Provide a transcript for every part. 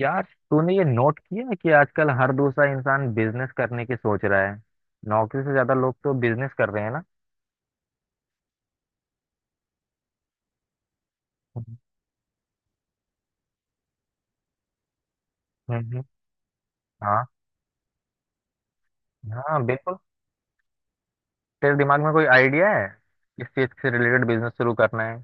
यार, तूने ये नोट किया है कि आजकल हर दूसरा इंसान बिजनेस करने की सोच रहा है। नौकरी से ज्यादा लोग तो बिजनेस कर रहे हैं ना। हम्म। हम्म। हाँ, हाँ बिल्कुल। तेरे दिमाग में कोई आइडिया है? किस चीज से रिलेटेड बिजनेस शुरू करना है?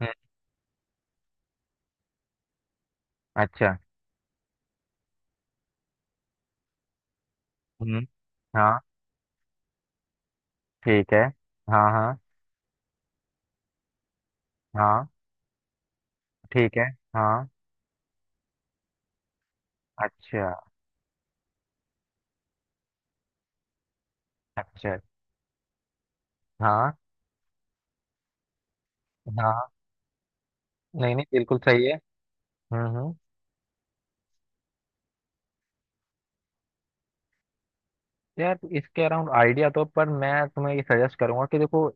हम्म। अच्छा। हम्म। हाँ, ठीक है। हाँ, हाँ। हाँ, ठीक है। हाँ। अच्छा। अच्छा। हाँ, हाँ। नहीं नहीं, बिल्कुल सही है। हम्म। हम्म। यार, इसके अराउंड आइडिया तो पर मैं तुम्हें ये सजेस्ट करूंगा कि देखो,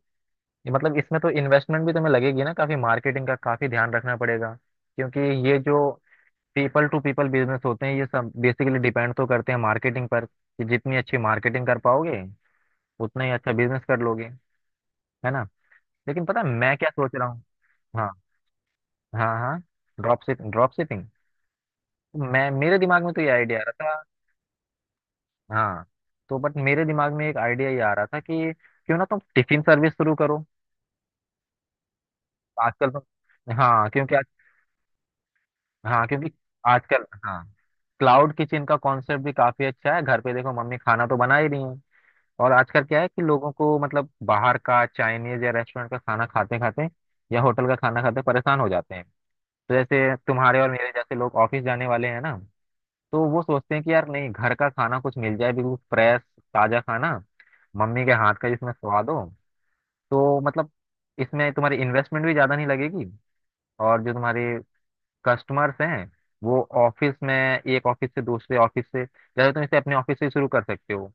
ये मतलब इसमें तो इन्वेस्टमेंट भी तुम्हें लगेगी ना, काफी मार्केटिंग का काफी ध्यान रखना पड़ेगा। क्योंकि ये जो पीपल टू पीपल बिजनेस होते हैं, ये सब बेसिकली डिपेंड तो करते हैं मार्केटिंग पर कि जितनी अच्छी मार्केटिंग कर पाओगे उतना ही अच्छा बिजनेस कर लोगे। है ना। लेकिन पता है मैं क्या सोच रहा हूँ? हाँ। हाँ, हाँ। ड्रॉप शिपिंग मैं मेरे दिमाग में तो ये आइडिया आ रहा था। हाँ, तो बट मेरे दिमाग में एक आइडिया ये आ रहा था कि क्यों ना तुम टिफिन सर्विस शुरू करो। आजकल तो हाँ, क्योंकि हाँ, क्योंकि आजकल हाँ क्लाउड किचन का कॉन्सेप्ट भी काफी अच्छा है। घर पे देखो, मम्मी खाना तो बना ही रही है। और आजकल क्या है कि लोगों को मतलब बाहर का चाइनीज या रेस्टोरेंट का खाना खाते खाते या होटल का खाना खाते परेशान हो जाते हैं। तो जैसे तुम्हारे और मेरे जैसे लोग ऑफिस जाने वाले हैं ना, तो वो सोचते हैं कि यार नहीं, घर का खाना कुछ मिल जाए, बिल्कुल फ्रेश ताजा खाना, मम्मी के हाथ का जिसमें स्वाद हो। तो मतलब इसमें तुम्हारी इन्वेस्टमेंट भी ज्यादा नहीं लगेगी। और जो तुम्हारी कस्टमर्स हैं, वो ऑफिस में, एक ऑफिस से दूसरे ऑफिस से, जैसे तुम इसे अपने ऑफिस से शुरू कर सकते हो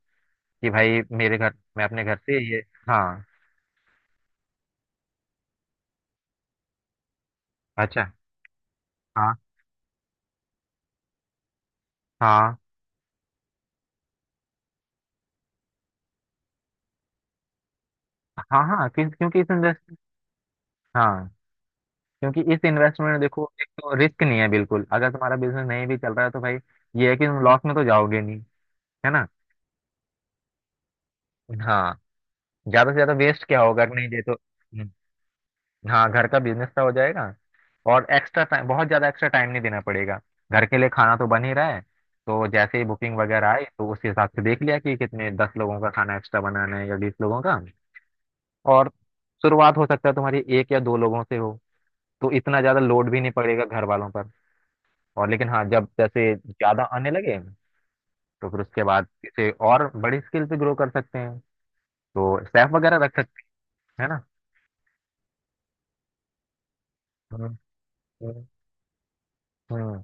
कि भाई मेरे घर, मैं अपने घर से ये। हाँ। अच्छा। हाँ, हाँ। हाँ, हाँ क्योंकि इस इन्वेस्ट हाँ, क्योंकि इस इन्वेस्टमेंट में देखो, एक तो रिस्क नहीं है बिल्कुल, अगर तुम्हारा बिजनेस नहीं भी चल रहा है तो भाई ये है कि तुम लॉस में तो जाओगे नहीं। है ना। हाँ, ज्यादा से ज्यादा वेस्ट क्या होगा अगर नहीं दे तो। हाँ, घर का बिजनेस का हो जाएगा। और एक्स्ट्रा टाइम बहुत ज्यादा एक्स्ट्रा टाइम नहीं देना पड़ेगा। घर के लिए खाना तो बन ही रहा है, तो जैसे ही बुकिंग वगैरह आई तो उसके हिसाब से देख लिया कि कितने दस लोगों का खाना एक्स्ट्रा बनाना है या बीस लोगों का। और शुरुआत हो सकता है तुम्हारी एक या दो लोगों से हो, तो इतना ज्यादा लोड भी नहीं पड़ेगा घर वालों पर। और लेकिन हाँ, जब जैसे ज्यादा आने लगे, तो फिर उसके बाद इसे और बड़ी स्केल पे ग्रो कर सकते हैं। तो स्टाफ वगैरह रख सकते हैं। है ना। हम्म। हम्म हम्म।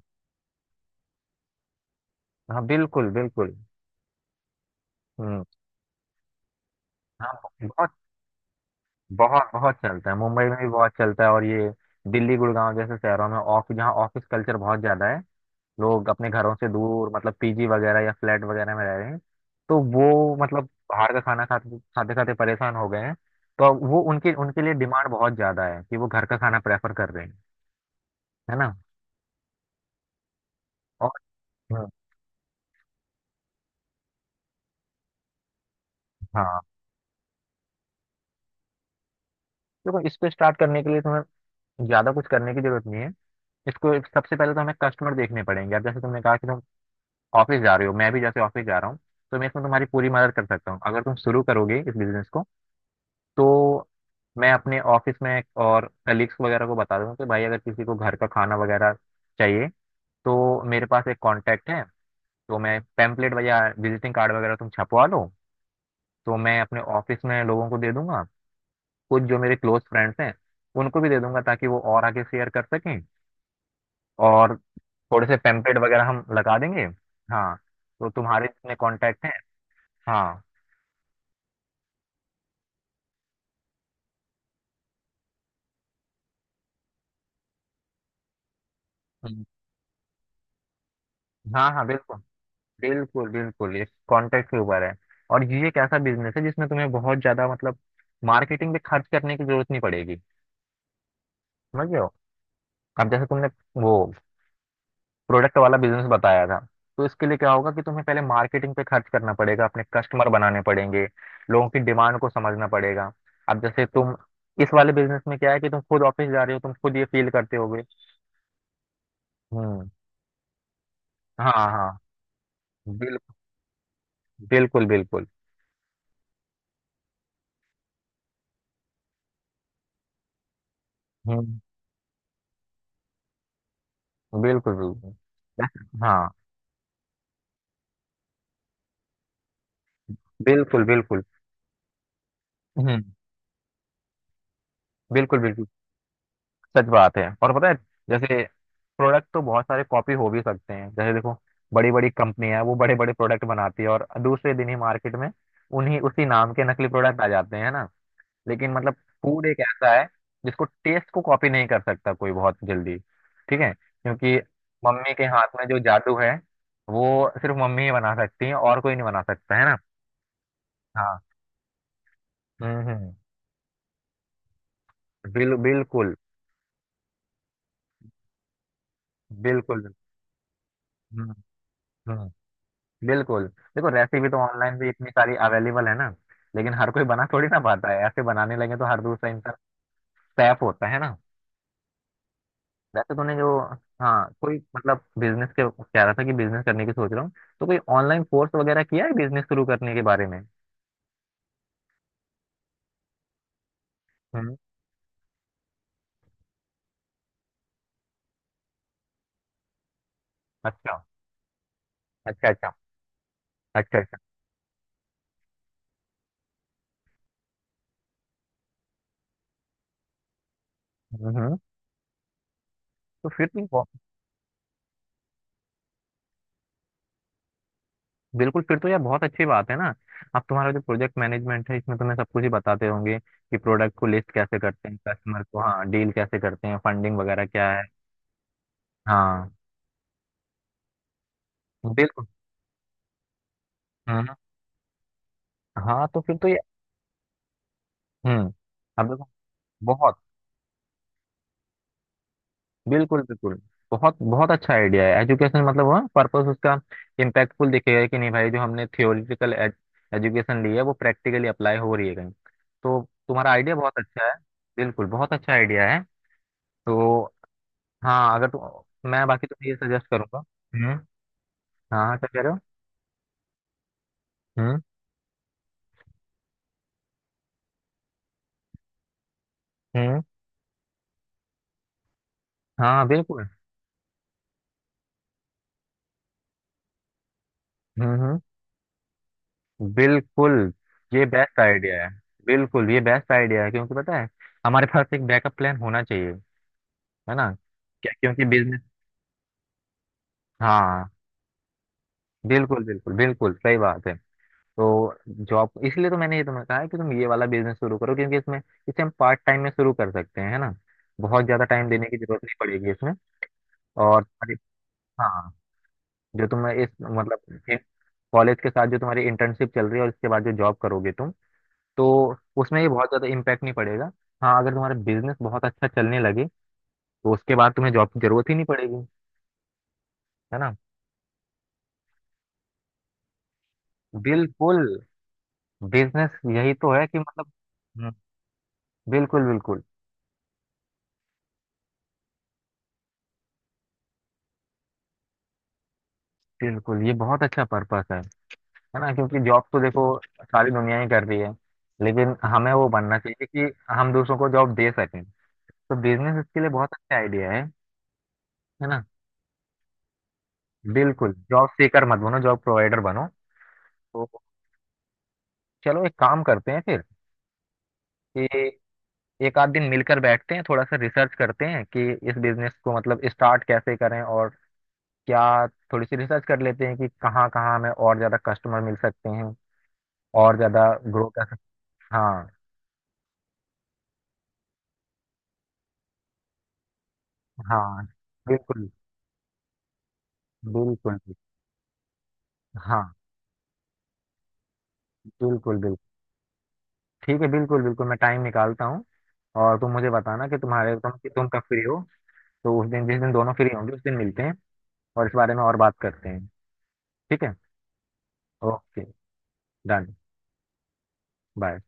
हाँ बिल्कुल बिल्कुल। हम्म। हाँ, बहुत। बहुत चलता है, मुंबई में भी बहुत चलता है। और ये दिल्ली, गुड़गांव जैसे शहरों में, ऑफिस जहाँ ऑफिस कल्चर बहुत ज्यादा है, लोग अपने घरों से दूर मतलब पीजी वगैरह या फ्लैट वगैरह में रह रहे हैं, तो वो मतलब बाहर का खाना खाते खाते खाते परेशान हो गए हैं। तो अब वो उनके उनके लिए डिमांड बहुत ज्यादा है कि वो घर का खाना प्रेफर कर रहे हैं। है ना। और हम्म। हाँ देखो, इसको स्टार्ट करने के लिए तुम्हें ज्यादा कुछ करने की जरूरत नहीं है। इसको सबसे पहले तो हमें कस्टमर देखने पड़ेंगे। अब जैसे तुमने कहा कि तुम ऑफिस जा रहे हो, मैं भी जैसे ऑफिस जा रहा हूँ, तो मैं इसमें तुम्हारी पूरी मदद कर सकता हूँ अगर तुम शुरू करोगे इस बिजनेस को। तो मैं अपने ऑफिस में और कलीग्स वगैरह को बता दूंगा कि भाई अगर किसी को घर का खाना वगैरह चाहिए तो मेरे पास एक कांटेक्ट है। तो मैं पैम्पलेट वगैरह विजिटिंग कार्ड वगैरह तुम छपवा लो, तो मैं अपने ऑफिस में लोगों को दे दूंगा। कुछ जो मेरे क्लोज फ्रेंड्स हैं उनको भी दे दूंगा ताकि वो और आगे शेयर कर सकें। और थोड़े से पैम्पलेट वगैरह हम लगा देंगे। हाँ, तो तुम्हारे इतने कांटेक्ट हैं। हाँ। हाँ। हाँ बिल्कुल, बिल्कुल इस कॉन्टेक्ट के ऊपर है। और ये एक ऐसा बिजनेस है जिसमें तुम्हें बहुत ज्यादा मतलब मार्केटिंग पे खर्च करने की जरूरत नहीं पड़ेगी। समझ रहे हो। अब जैसे तुमने वो प्रोडक्ट वाला बिजनेस बताया था, तो इसके लिए क्या होगा कि तुम्हें पहले मार्केटिंग पे खर्च करना पड़ेगा, अपने कस्टमर बनाने पड़ेंगे, लोगों की डिमांड को समझना पड़ेगा। अब जैसे तुम इस वाले बिजनेस में क्या है कि तुम खुद ऑफिस जा रहे हो, तुम खुद ये फील करते होगे। हम्म। हाँ, हाँ बिल्कुल बिल्कुल बिल्कुल। हम्म। बिल्कुल बिल्कुल हाँ बिल्कुल बिल्कुल। हम्म। बिल्कुल बिल्कुल सच बात है। और पता है जैसे प्रोडक्ट तो बहुत सारे कॉपी हो भी सकते हैं, जैसे देखो, बड़ी बड़ी कंपनियां हैं, वो बड़े बड़े प्रोडक्ट बनाती है और दूसरे दिन ही मार्केट में उन्हीं उसी नाम के नकली प्रोडक्ट आ जाते हैं। है ना। लेकिन मतलब फूड एक ऐसा है जिसको टेस्ट को कॉपी नहीं कर सकता कोई बहुत जल्दी। ठीक है, क्योंकि मम्मी के हाथ में जो जादू है वो सिर्फ मम्मी ही बना सकती है और कोई नहीं बना सकता। है ना। हाँ। हम्म। बिल्कुल बिल्कुल हम्म। हम्म बिल्कुल देखो, रेसिपी तो ऑनलाइन भी इतनी सारी अवेलेबल है ना, लेकिन हर कोई बना थोड़ी ना पाता है। ऐसे बनाने लगे तो हर दूसरा इंसान सैफ होता है ना। वैसे तूने जो हाँ कोई मतलब बिजनेस के कह रहा था कि बिजनेस करने की सोच रहा हूँ, तो कोई ऑनलाइन कोर्स वगैरह किया है बिजनेस शुरू करने के बारे में? हम्म। अच्छा अच्छा अच्छा अच्छा अच्छा। हम्म। हम्म। तो बिल्कुल, फिर तो यार बहुत अच्छी बात है ना। अब तुम्हारा जो प्रोजेक्ट मैनेजमेंट है, इसमें तुम्हें सब कुछ ही बताते होंगे कि प्रोडक्ट को लिस्ट कैसे करते हैं, कस्टमर को हाँ डील कैसे करते हैं, फंडिंग वगैरह क्या है। हाँ बिल्कुल। हम्म। हाँ, तो फिर तो ये हम्म। अब देखो, बहुत बिल्कुल बिल्कुल बहुत बहुत अच्छा आइडिया है। एजुकेशन मतलब वह पर्पस उसका इम्पैक्टफुल दिखेगा कि नहीं, भाई जो हमने थियोरिटिकल एजुकेशन ली है वो प्रैक्टिकली अप्लाई हो रही है कहीं। तो तुम्हारा आइडिया बहुत अच्छा है। बिल्कुल बहुत अच्छा आइडिया है। तो हाँ, अगर तुम मैं बाकी तुम्हें ये सजेस्ट करूंगा। हम्म। हाँ, क्या कह रहे हो? हम्म। हम्म। हाँ बिल्कुल। हम्म। बिल्कुल ये बेस्ट आइडिया है। बिल्कुल ये बेस्ट आइडिया है, क्योंकि पता है हमारे पास एक बैकअप प्लान होना चाहिए। है ना। क्या, क्योंकि बिजनेस हाँ बिल्कुल बिल्कुल बिल्कुल सही बात है। तो जॉब, इसलिए तो मैंने ये तुम्हें कहा है कि तुम ये वाला बिजनेस शुरू करो, क्योंकि इसमें इसे हम पार्ट टाइम में शुरू कर सकते हैं। है ना। बहुत ज्यादा टाइम देने की जरूरत नहीं पड़ेगी इसमें। और हाँ, जो तुम इस मतलब कॉलेज के साथ जो तुम्हारी इंटर्नशिप चल रही है और इसके बाद जो जॉब करोगे तुम, तो उसमें ये बहुत ज़्यादा इम्पैक्ट नहीं पड़ेगा। हाँ, अगर तुम्हारा बिजनेस बहुत अच्छा चलने लगे तो उसके बाद तुम्हें जॉब की जरूरत ही नहीं पड़ेगी। है ना। बिल्कुल। बिजनेस यही तो है कि मतलब हम्म। बिल्कुल बिल्कुल बिल्कुल, ये बहुत अच्छा पर्पस है। है ना। क्योंकि जॉब तो देखो सारी दुनिया ही कर रही है, लेकिन हमें वो बनना चाहिए कि हम दूसरों को जॉब दे सकें। तो बिजनेस इसके लिए बहुत अच्छा आइडिया है। है ना। बिल्कुल, जॉब सीकर मत बनो, जॉब प्रोवाइडर बनो। तो चलो, एक काम करते हैं फिर, कि एक आध दिन मिलकर बैठते हैं, थोड़ा सा रिसर्च करते हैं कि इस बिजनेस को मतलब स्टार्ट कैसे करें, और क्या थोड़ी सी रिसर्च कर लेते हैं कि कहाँ कहाँ हमें और ज्यादा कस्टमर मिल सकते हैं और ज्यादा ग्रो कर सकते हाँ। हाँ बिल्कुल बिल्कुल बिल्कुल, हाँ बिल्कुल बिल्कुल। ठीक है बिल्कुल बिल्कुल मैं टाइम निकालता हूँ। और तुम मुझे बताना कि तुम्हारे तुम कि तुम कब फ्री हो। तो उस दिन, जिस दिन दोनों फ्री होंगे, उस दिन मिलते हैं और इस बारे में और बात करते हैं। ठीक है। ओके। डन। बाय।